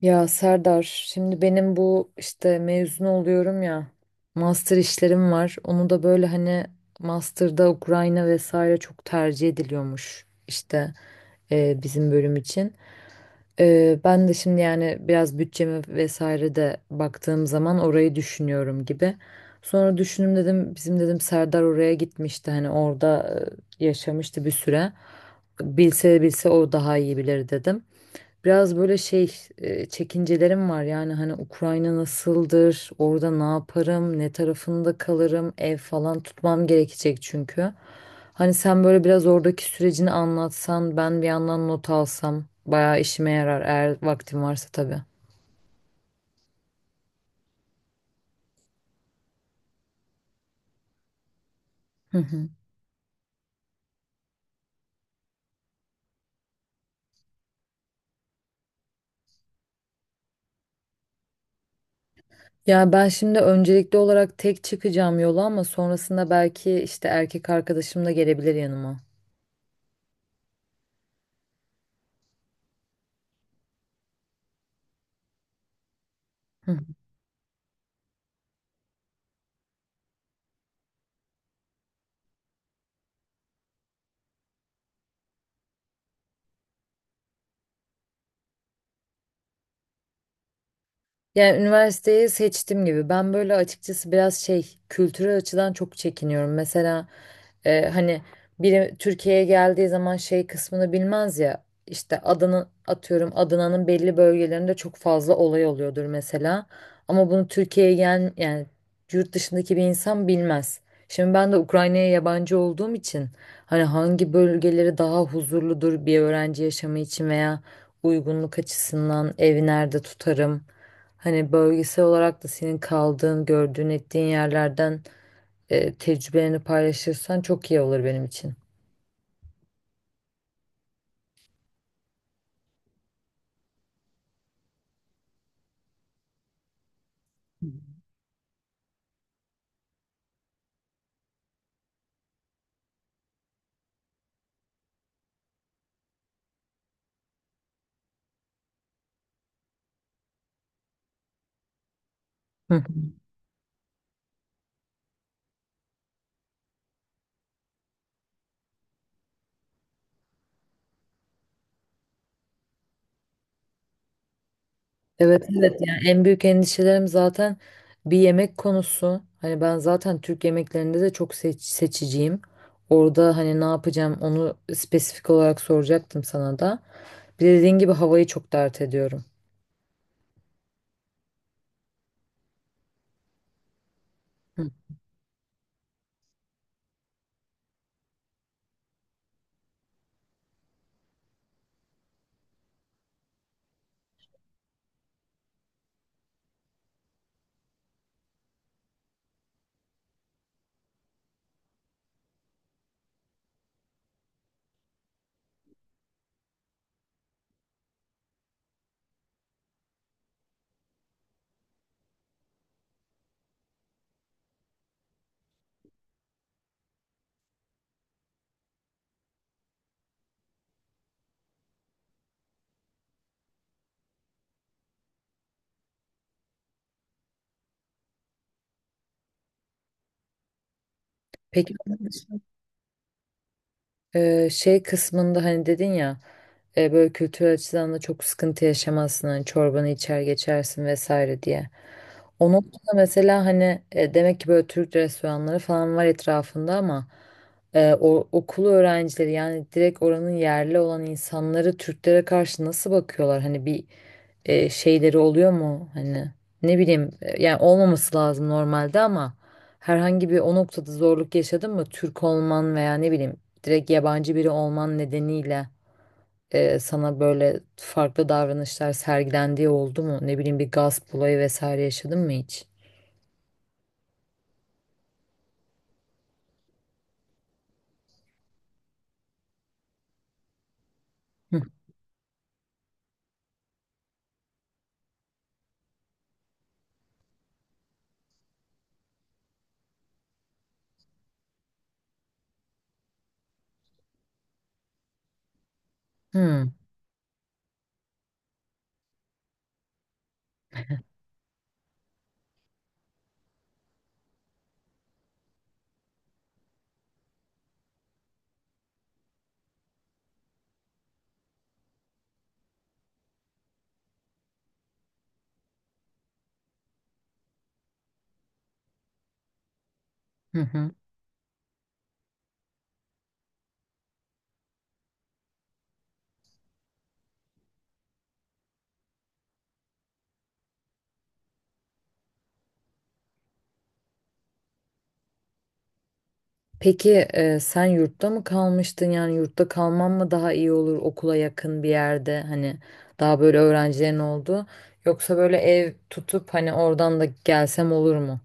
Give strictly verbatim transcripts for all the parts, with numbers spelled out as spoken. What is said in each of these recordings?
Ya Serdar, şimdi benim bu işte mezun oluyorum ya, master işlerim var. Onu da böyle hani master'da Ukrayna vesaire çok tercih ediliyormuş işte e, bizim bölüm için. E, ben de şimdi yani biraz bütçeme vesaire de baktığım zaman orayı düşünüyorum gibi. Sonra düşündüm dedim, bizim dedim Serdar oraya gitmişti hani orada e, yaşamıştı bir süre. Bilse bilse o daha iyi bilir dedim. Biraz böyle şey e, çekincelerim var yani hani Ukrayna nasıldır, orada ne yaparım, ne tarafında kalırım, ev falan tutmam gerekecek çünkü. Hani sen böyle biraz oradaki sürecini anlatsan, ben bir yandan not alsam bayağı işime yarar eğer vaktim varsa tabii. Hı hı. Yani ben şimdi öncelikli olarak tek çıkacağım yola ama sonrasında belki işte erkek arkadaşım da gelebilir yanıma. Yani üniversiteyi seçtim gibi. Ben böyle açıkçası biraz şey kültürel açıdan çok çekiniyorum. Mesela e, hani biri Türkiye'ye geldiği zaman şey kısmını bilmez ya. İşte Adana atıyorum Adana'nın belli bölgelerinde çok fazla olay oluyordur mesela. Ama bunu Türkiye'ye gel yani yurt dışındaki bir insan bilmez. Şimdi ben de Ukrayna'ya yabancı olduğum için hani hangi bölgeleri daha huzurludur bir öğrenci yaşamı için veya uygunluk açısından evi nerede tutarım? Hani bölgesel olarak da senin kaldığın, gördüğün, ettiğin yerlerden e, tecrübelerini paylaşırsan çok iyi olur benim için. Hı hı. Evet, evet, yani en büyük endişelerim zaten bir yemek konusu. Hani ben zaten Türk yemeklerinde de çok seç- seçiciyim. Orada hani ne yapacağım onu spesifik olarak soracaktım sana da. Bir de dediğin gibi havayı çok dert ediyorum. Hı. Peki e, şey kısmında hani dedin ya, E, böyle kültürel açıdan da çok sıkıntı yaşamazsın. Hani çorbanı içer geçersin vesaire diye. O noktada mesela hani e, demek ki böyle Türk restoranları falan var etrafında ama e, o, okul öğrencileri yani direkt oranın yerli olan insanları Türklere karşı nasıl bakıyorlar? Hani bir e, şeyleri oluyor mu? Hani ne bileyim e, yani olmaması lazım normalde ama herhangi bir o noktada zorluk yaşadın mı? Türk olman veya ne bileyim direkt yabancı biri olman nedeniyle e, sana böyle farklı davranışlar sergilendiği oldu mu? Ne bileyim bir gasp olayı vesaire yaşadın mı hiç? Hı hı hı. Hı. Peki e, sen yurtta mı kalmıştın? Yani yurtta kalman mı daha iyi olur okula yakın bir yerde hani daha böyle öğrencilerin olduğu, yoksa böyle ev tutup hani oradan da gelsem olur mu?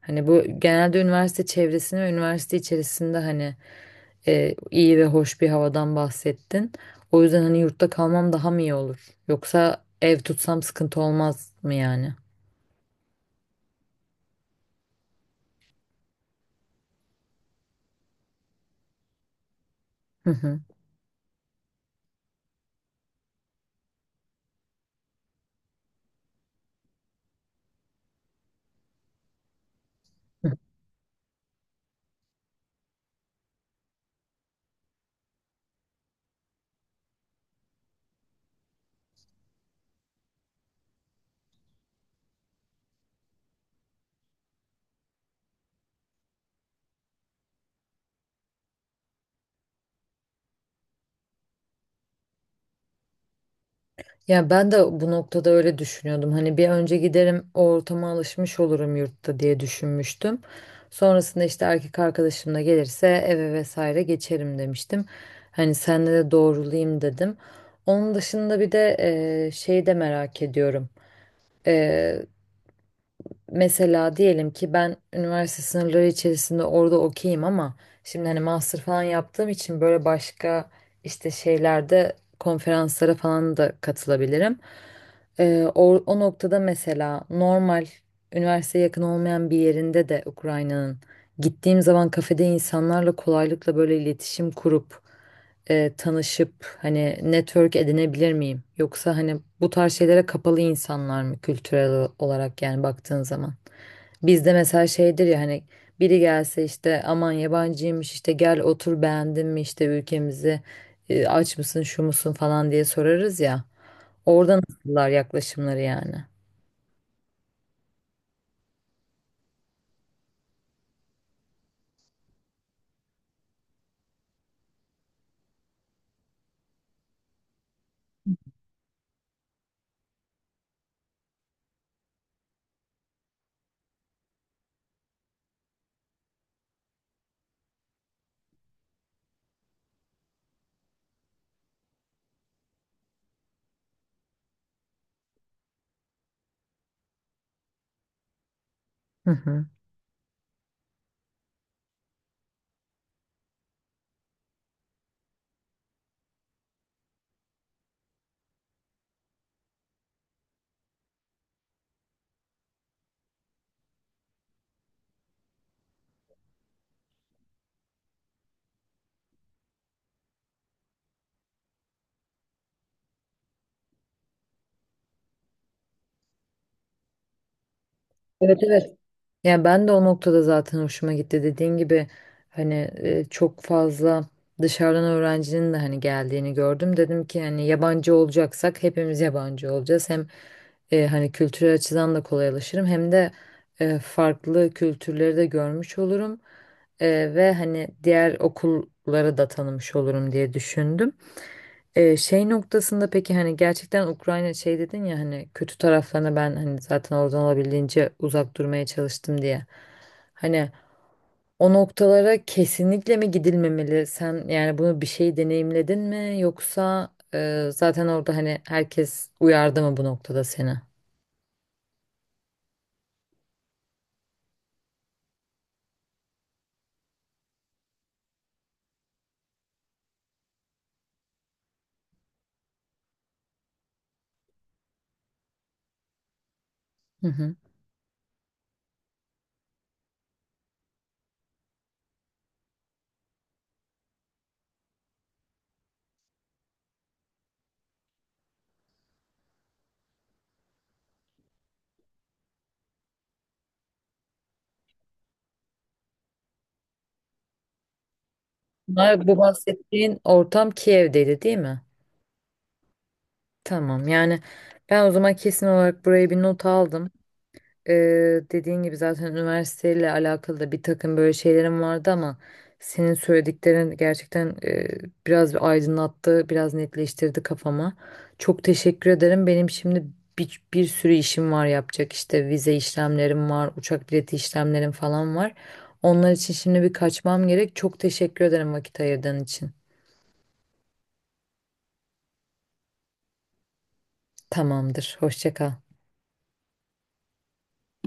Hani bu genelde üniversite çevresini ve üniversite içerisinde hani e, iyi ve hoş bir havadan bahsettin. O yüzden hani yurtta kalmam daha mı iyi olur? Yoksa ev tutsam sıkıntı olmaz mı yani? Hı hı. Ya ben de bu noktada öyle düşünüyordum. Hani bir önce giderim o ortama alışmış olurum yurtta diye düşünmüştüm. Sonrasında işte erkek arkadaşım da gelirse eve vesaire geçerim demiştim. Hani senle de doğrulayayım dedim. Onun dışında bir de eee şeyi de merak ediyorum. E, Mesela diyelim ki ben üniversite sınırları içerisinde orada okeyim ama şimdi hani master falan yaptığım için böyle başka işte şeylerde konferanslara falan da katılabilirim. Ee, o, o noktada mesela normal üniversiteye yakın olmayan bir yerinde de Ukrayna'nın gittiğim zaman kafede insanlarla kolaylıkla böyle iletişim kurup e, tanışıp hani network edinebilir miyim? Yoksa hani bu tarz şeylere kapalı insanlar mı kültürel o- olarak yani baktığın zaman? Bizde mesela şeydir ya hani biri gelse işte aman yabancıymış işte gel otur beğendin mi işte ülkemizi e, aç mısın şu musun falan diye sorarız ya. Oradan nasıllar yaklaşımları yani. Hı hı. Evet, evet, yani ben de o noktada zaten hoşuma gitti. Dediğin gibi hani e, çok fazla dışarıdan öğrencinin de hani geldiğini gördüm. Dedim ki hani yabancı olacaksak hepimiz yabancı olacağız. Hem e, hani kültürel açıdan da kolaylaşırım hem de e, farklı kültürleri de görmüş olurum. E, ve hani diğer okulları da tanımış olurum diye düşündüm. Ee, şey noktasında peki hani gerçekten Ukrayna şey dedin ya hani kötü taraflarına ben hani zaten oradan olabildiğince uzak durmaya çalıştım diye. Hani o noktalara kesinlikle mi gidilmemeli? Sen yani bunu bir şey deneyimledin mi yoksa e, zaten orada hani herkes uyardı mı bu noktada seni? Hı hı. Bunlar- Bu bahsettiğin ortam Kiev'deydi değil mi? Tamam, yani ben o zaman kesin olarak buraya bir not aldım. Ee, dediğin gibi zaten üniversiteyle alakalı da bir takım böyle şeylerim vardı ama senin söylediklerin gerçekten e, biraz bir aydınlattı, biraz netleştirdi kafama. Çok teşekkür ederim. Benim şimdi bir, bir sürü işim var yapacak. İşte vize işlemlerim var, uçak bileti işlemlerim falan var. Onlar için şimdi bir kaçmam gerek. Çok teşekkür ederim vakit ayırdığın için. Tamamdır. Hoşça kal.